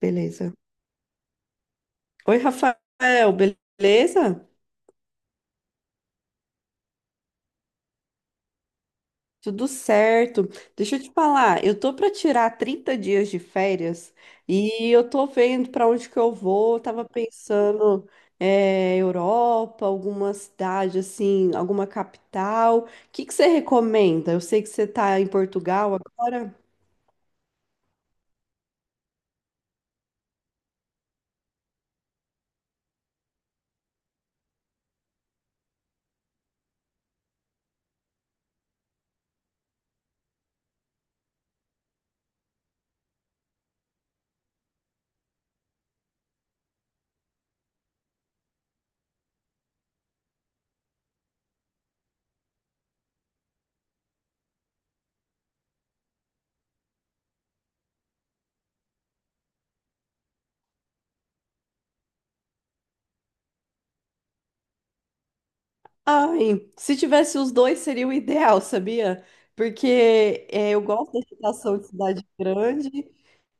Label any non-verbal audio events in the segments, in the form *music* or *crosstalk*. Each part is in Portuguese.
Beleza. Oi, Rafael, beleza? Tudo certo. Deixa eu te falar, eu tô para tirar 30 dias de férias e eu tô vendo para onde que eu vou. Eu tava pensando é, Europa, alguma cidade assim, alguma capital. O que que você recomenda? Eu sei que você tá em Portugal agora. Ai, se tivesse os dois seria o ideal, sabia? Porque é, eu gosto da situação de cidade grande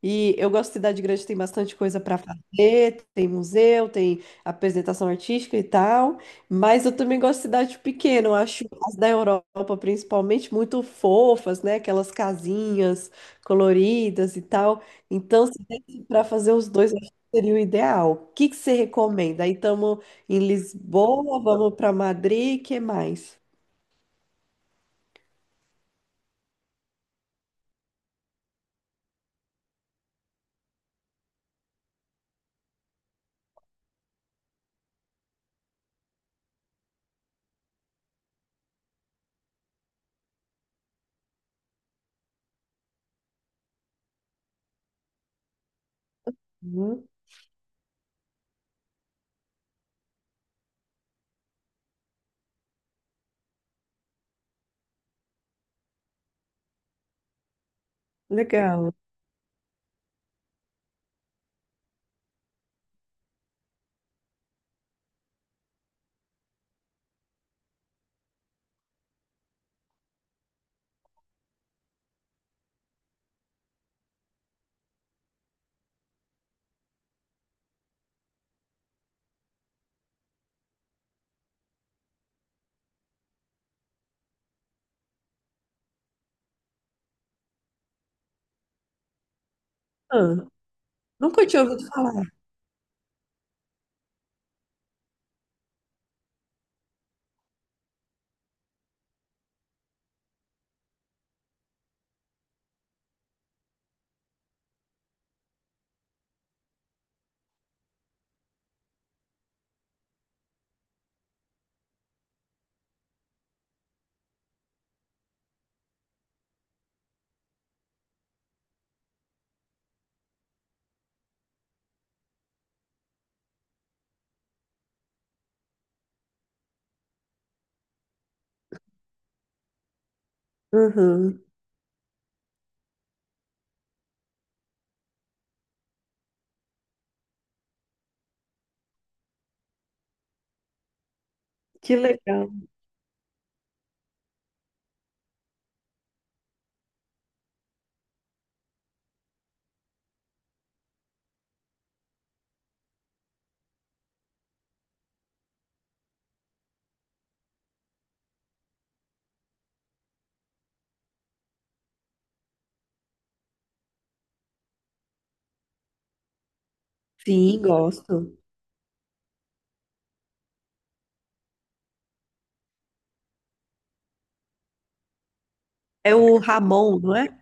e eu gosto de cidade grande, tem bastante coisa para fazer, tem museu, tem apresentação artística e tal, mas eu também gosto de cidade pequena, eu acho as da Europa principalmente muito fofas, né? Aquelas casinhas coloridas e tal. Então, se desse para fazer os dois, eu acho que seria o ideal. O que que você recomenda? Aí estamos em Lisboa, vamos para Madrid, que mais? Uhum. Legal. Ah, nunca tinha ouvido falar. Uhum. Que legal. Sim, gosto. É o Ramon, não é?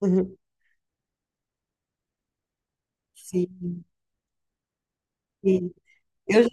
Uhum. Sim. Eu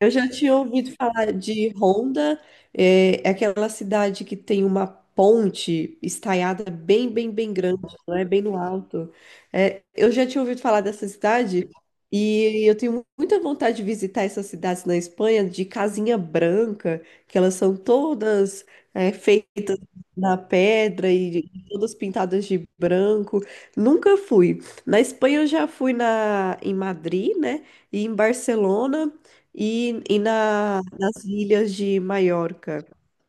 Eu já tinha ouvido falar de Honda, é aquela cidade que tem uma ponte estaiada bem, bem, bem grande, né? Bem no alto. É, eu já tinha ouvido falar dessa cidade e eu tenho muita vontade de visitar essas cidades na Espanha de casinha branca, que elas são todas é, feitas na pedra e todas pintadas de branco. Nunca fui. Na Espanha eu já fui em Madrid, né? E em Barcelona. E nas ilhas de Maiorca.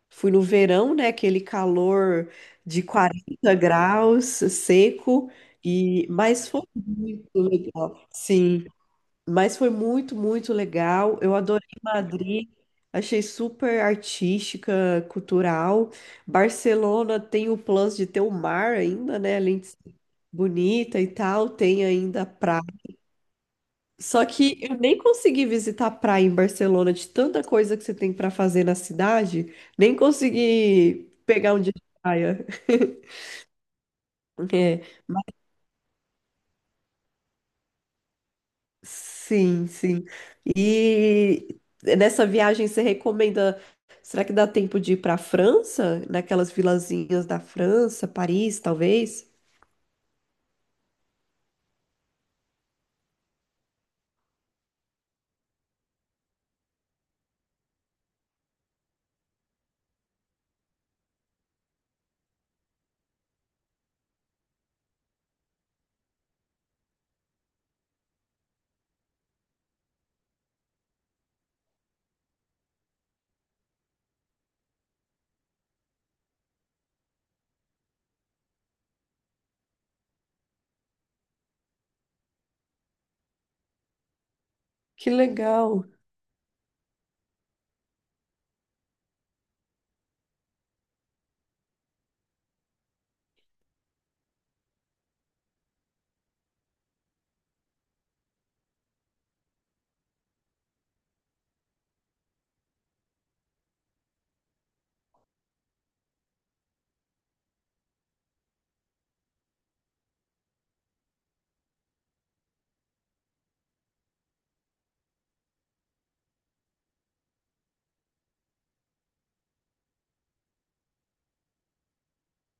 Fui no verão, né? Aquele calor de 40 graus, seco, mas foi muito legal. Sim, mas foi muito, muito legal. Eu adorei Madrid, achei super artística, cultural. Barcelona tem o plus de ter o mar ainda, né? Além de ser bonita e tal, tem ainda praia. Só que eu nem consegui visitar a praia em Barcelona de tanta coisa que você tem para fazer na cidade, nem consegui pegar um dia de praia. *laughs* É, mas- sim, sim. E nessa viagem você recomenda, será que dá tempo de ir para a França? Naquelas vilazinhas da França, Paris, talvez? Que legal,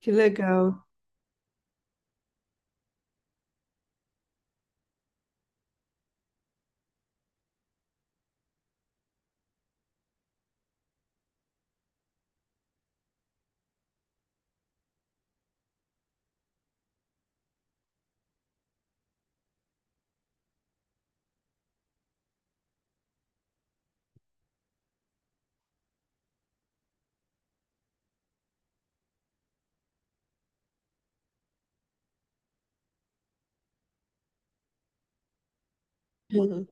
que legal. Uhum.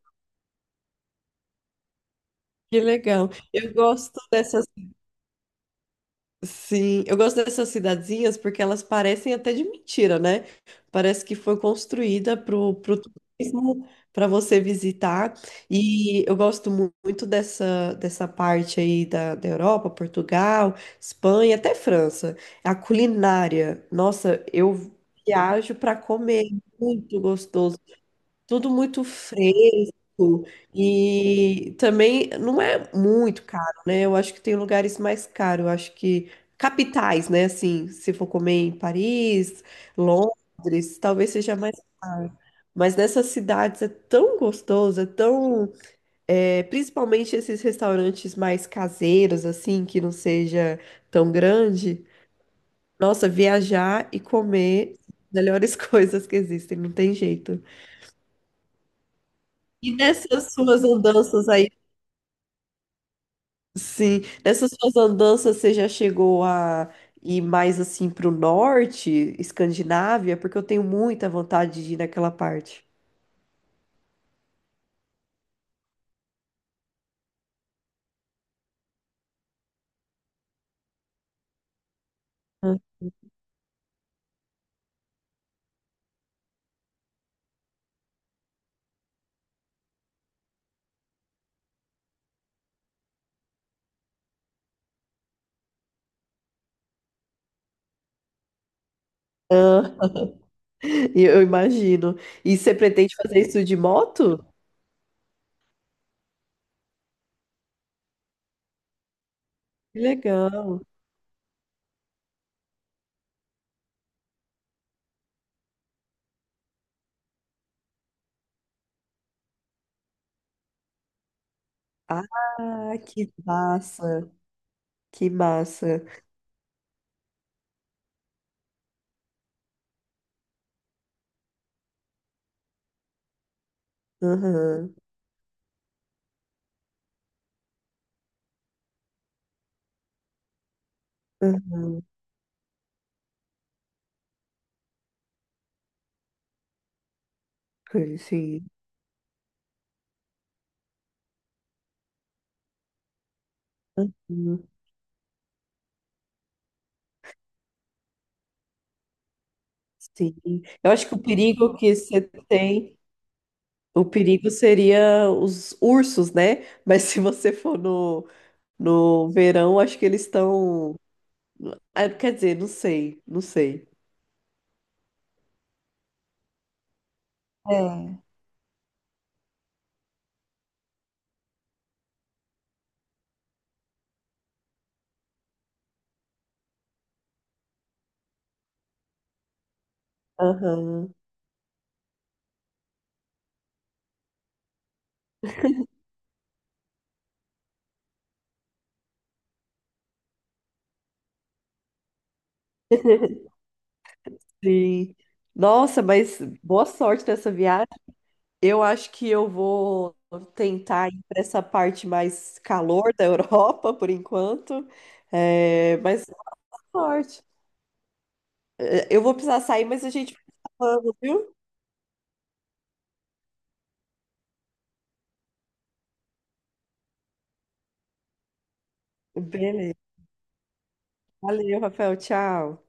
Que legal. Eu gosto dessas Sim, eu gosto dessas cidadezinhas porque elas parecem até de mentira, né? Parece que foi construída pro turismo, para você visitar. E eu gosto muito dessa parte aí da Europa, Portugal, Espanha, até França. A culinária, nossa, eu viajo para comer, é muito gostoso. Tudo muito fresco e também não é muito caro, né? Eu acho que tem lugares mais caros, eu acho que capitais, né? Assim, se for comer em Paris, Londres, talvez seja mais caro. Mas nessas cidades é tão gostoso, é tão, é, principalmente esses restaurantes mais caseiros, assim, que não seja tão grande. Nossa, viajar e comer, melhores *laughs* coisas que existem, não tem jeito. E nessas suas andanças aí, sim, nessas suas andanças você já chegou a ir mais assim pro norte, Escandinávia, porque eu tenho muita vontade de ir naquela parte. Ah, *laughs* e eu imagino. E você pretende fazer isso de moto? Que legal. Ah, que massa, que massa. Aham, aham. Sim, sim. Eu acho que o perigo que você tem. O perigo seria os ursos, né? Mas se você for no verão, acho que eles estão. Ah, quer dizer, não sei, não sei. É. Aham. *laughs* Sim. Nossa, mas boa sorte nessa viagem. Eu acho que eu vou tentar ir para essa parte mais calor da *laughs* Europa por enquanto. É, mas boa sorte. É, eu vou precisar sair, mas a gente vai falando, viu? Beleza. Valeu, Rafael. Tchau.